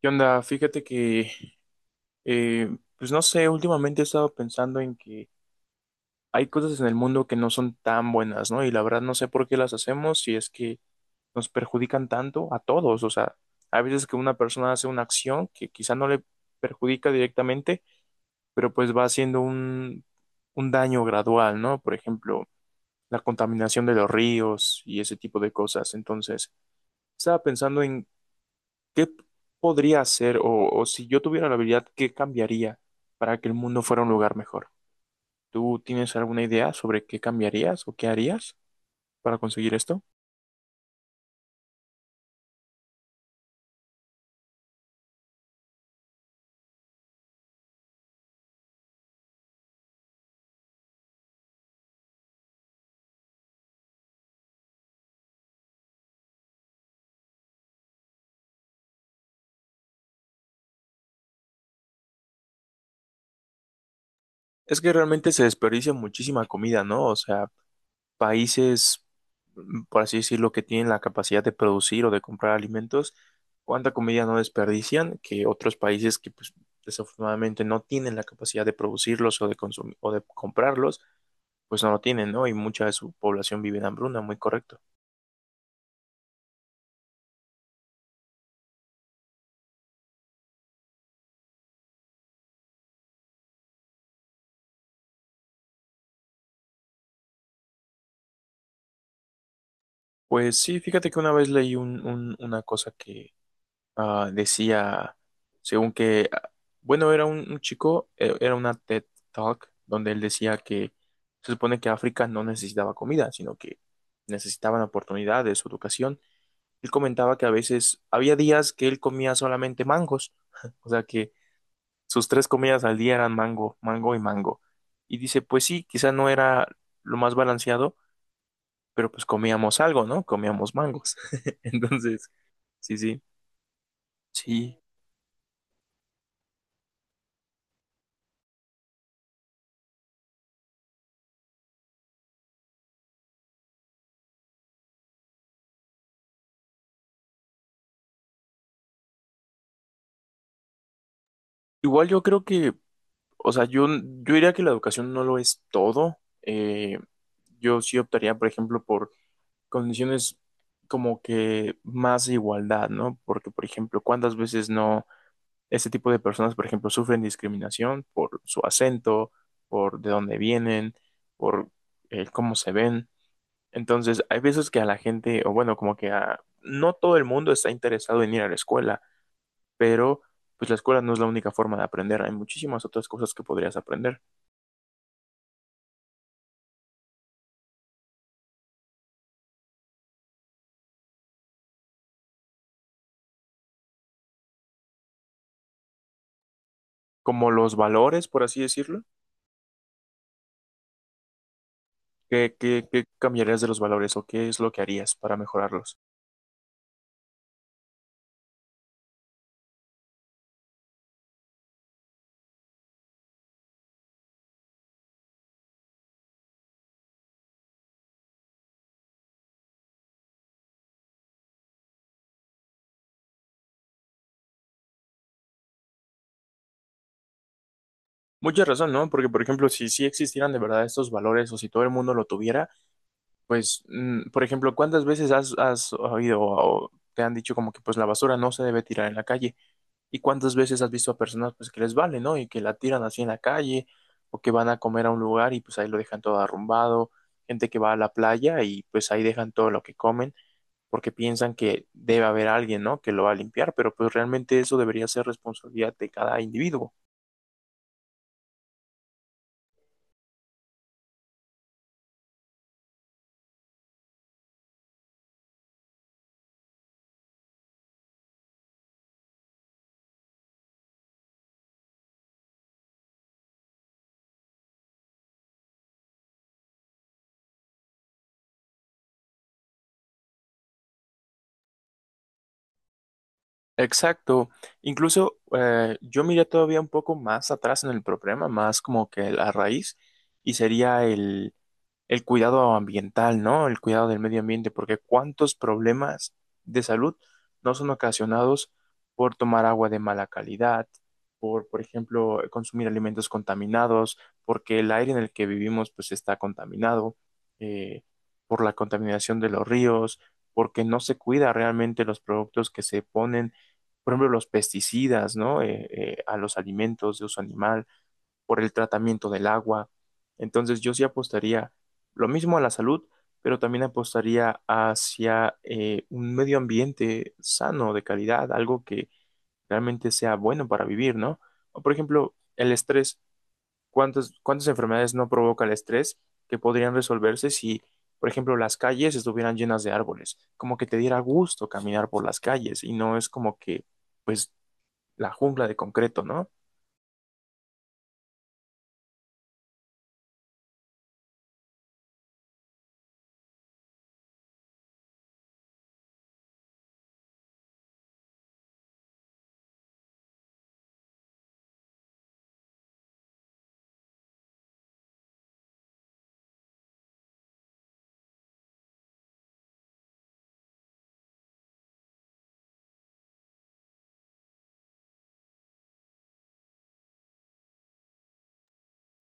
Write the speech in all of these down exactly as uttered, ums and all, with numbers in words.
¿Qué onda? Fíjate que, eh, pues no sé, últimamente he estado pensando en que hay cosas en el mundo que no son tan buenas, ¿no? Y la verdad no sé por qué las hacemos si es que nos perjudican tanto a todos. O sea, hay veces que una persona hace una acción que quizá no le perjudica directamente, pero pues va haciendo un, un daño gradual, ¿no? Por ejemplo, la contaminación de los ríos y ese tipo de cosas. Entonces, estaba pensando en ¿qué podría hacer o, o si yo tuviera la habilidad, qué cambiaría para que el mundo fuera un lugar mejor? ¿Tú tienes alguna idea sobre qué cambiarías o qué harías para conseguir esto? Es que realmente se desperdicia muchísima comida, ¿no? O sea, países, mm, por así decirlo, que tienen la capacidad de producir o de comprar alimentos, ¿cuánta comida no desperdician que otros países que pues, desafortunadamente no tienen la capacidad de producirlos o de consumir o de comprarlos, pues no lo tienen, ¿no? Y mucha de su población vive en hambruna, muy correcto. Pues sí, fíjate que una vez leí un, un- una cosa que ah, decía, según que, ah, bueno, era un, un chico, e- era una T E D Talk, donde él decía que se supone que África no necesitaba comida, sino que necesitaban oportunidades, educación. Él comentaba que a veces había días que él comía solamente mangos, o sea que sus tres comidas al día eran mango, mango y mango. Y dice, pues sí, quizá no era lo más balanceado pero pues comíamos algo, ¿no? Comíamos mangos. Entonces, sí, sí, sí. Igual yo creo que, o sea, yo, yo diría que la educación no lo es todo. Eh, yo sí optaría, por ejemplo, por condiciones como que más de igualdad, ¿no? Porque, por ejemplo, ¿cuántas veces no este tipo de personas, por ejemplo, sufren discriminación por su acento, por de dónde vienen, por eh, cómo se ven? Entonces, hay veces que a la gente, o bueno, como que a, no todo el mundo está interesado en ir a la escuela, pero pues la escuela no es la única forma de aprender, hay muchísimas otras cosas que podrías aprender, como los valores, por así decirlo. ¿Qué, qué, qué cambiarías de los valores o qué es lo que harías para mejorarlos? Mucha razón, ¿no? Porque, por ejemplo, si sí existieran de verdad estos valores o si todo el mundo lo tuviera, pues, mm, por ejemplo, ¿cuántas veces has, has oído o te han dicho como que pues la basura no se debe tirar en la calle? ¿Y cuántas veces has visto a personas pues que les vale, ¿no? Y que la tiran así en la calle o que van a comer a un lugar y pues ahí lo dejan todo arrumbado, gente que va a la playa y pues ahí dejan todo lo que comen porque piensan que debe haber alguien, ¿no? Que lo va a limpiar, pero pues realmente eso debería ser responsabilidad de cada individuo. Exacto. Incluso eh, yo miré todavía un poco más atrás en el problema, más como que la raíz, y sería el el cuidado ambiental, ¿no? El cuidado del medio ambiente, porque cuántos problemas de salud no son ocasionados por tomar agua de mala calidad, por, por ejemplo, consumir alimentos contaminados, porque el aire en el que vivimos pues está contaminado, eh, por la contaminación de los ríos, porque no se cuida realmente los productos que se ponen, por ejemplo, los pesticidas, ¿no? Eh, eh, a los alimentos de uso animal por el tratamiento del agua. Entonces yo sí apostaría lo mismo a la salud, pero también apostaría hacia eh, un medio ambiente sano, de calidad, algo que realmente sea bueno para vivir, ¿no? O por ejemplo, el estrés. ¿Cuántas, ¿cuántas enfermedades no provoca el estrés que podrían resolverse si, por ejemplo, las calles estuvieran llenas de árboles? Como que te diera gusto caminar por las calles y no es como que, pues, la jungla de concreto, ¿no?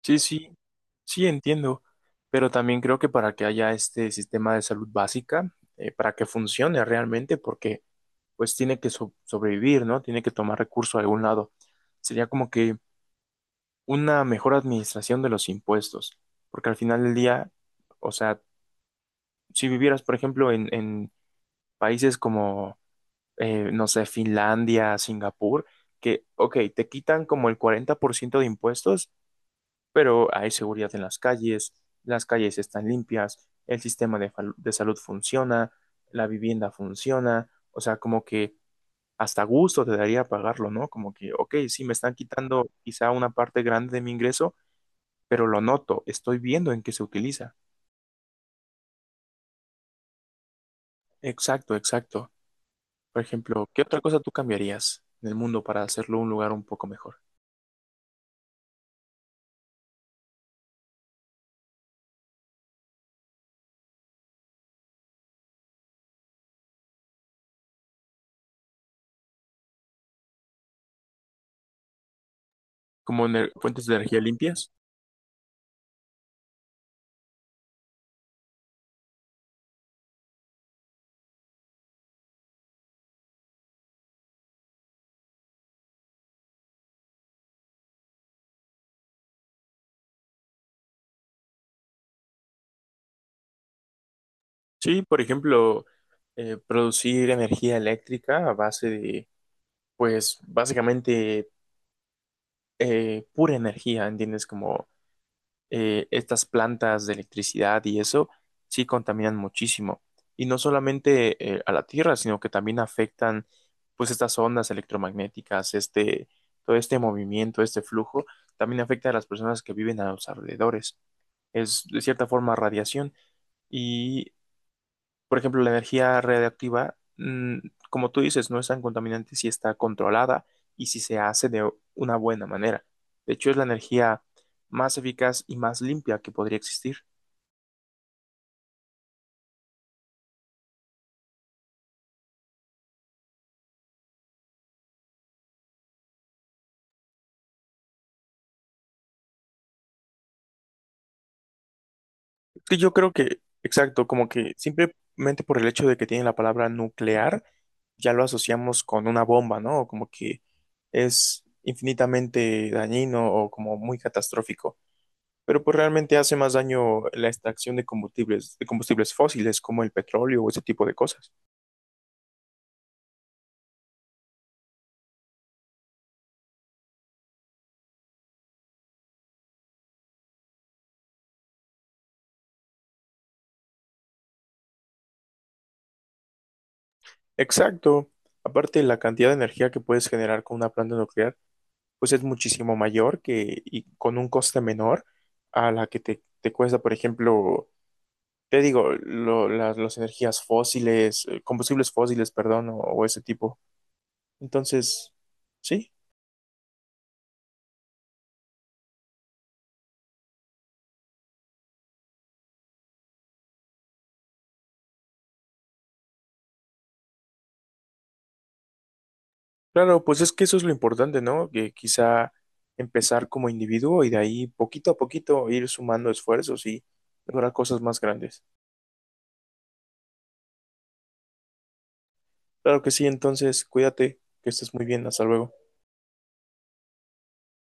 Sí, sí, sí, entiendo, pero también creo que para que haya este sistema de salud básica, eh, para que funcione realmente, porque pues tiene que so- sobrevivir, ¿no? Tiene que tomar recursos de algún lado. Sería como que una mejor administración de los impuestos, porque al final del día, o sea, si vivieras, por ejemplo, en, en países como, eh, no sé, Finlandia, Singapur, que, ok, te quitan como el cuarenta por ciento de impuestos pero hay seguridad en las calles, las calles están limpias, el sistema de, fal- de salud funciona, la vivienda funciona, o sea, como que hasta gusto te daría pagarlo, ¿no? Como que, ok, sí, me están quitando quizá una parte grande de mi ingreso, pero lo noto, estoy viendo en qué se utiliza. Exacto, exacto. Por ejemplo, ¿qué otra cosa tú cambiarías en el mundo para hacerlo un lugar un poco mejor? ¿Como ener- fuentes de energía limpias? Sí, por ejemplo, eh, producir energía eléctrica a base de pues básicamente eh, pura energía, ¿entiendes? Como eh, estas plantas de electricidad y eso sí contaminan muchísimo. Y no solamente eh, a la Tierra, sino que también afectan pues estas ondas electromagnéticas, este, todo este movimiento, este flujo, también afecta a las personas que viven a los alrededores. Es de cierta forma radiación y por ejemplo, la energía radiactiva, mm, como tú dices, no es tan contaminante si está controlada y si se hace de una buena manera. De hecho, es la energía más eficaz y más limpia que podría existir. Que yo creo que, exacto, como que simplemente por el hecho de que tiene la palabra nuclear, ya lo asociamos con una bomba, ¿no? Como que es infinitamente dañino o como muy catastrófico. Pero pues realmente hace más daño la extracción de combustibles, de combustibles fósiles como el petróleo o ese tipo de cosas. Exacto. Aparte, la cantidad de energía que puedes generar con una planta nuclear, pues es muchísimo mayor que y con un coste menor a la que te, te cuesta, por ejemplo, te digo, lo- las, las energías fósiles, eh, combustibles fósiles, perdón, o, o ese tipo. Entonces, sí. Claro, pues es que eso es lo importante, ¿no? Que quizá empezar como individuo y de ahí poquito a poquito ir sumando esfuerzos y lograr cosas más grandes. Claro que sí, entonces cuídate, que estés muy bien, hasta luego.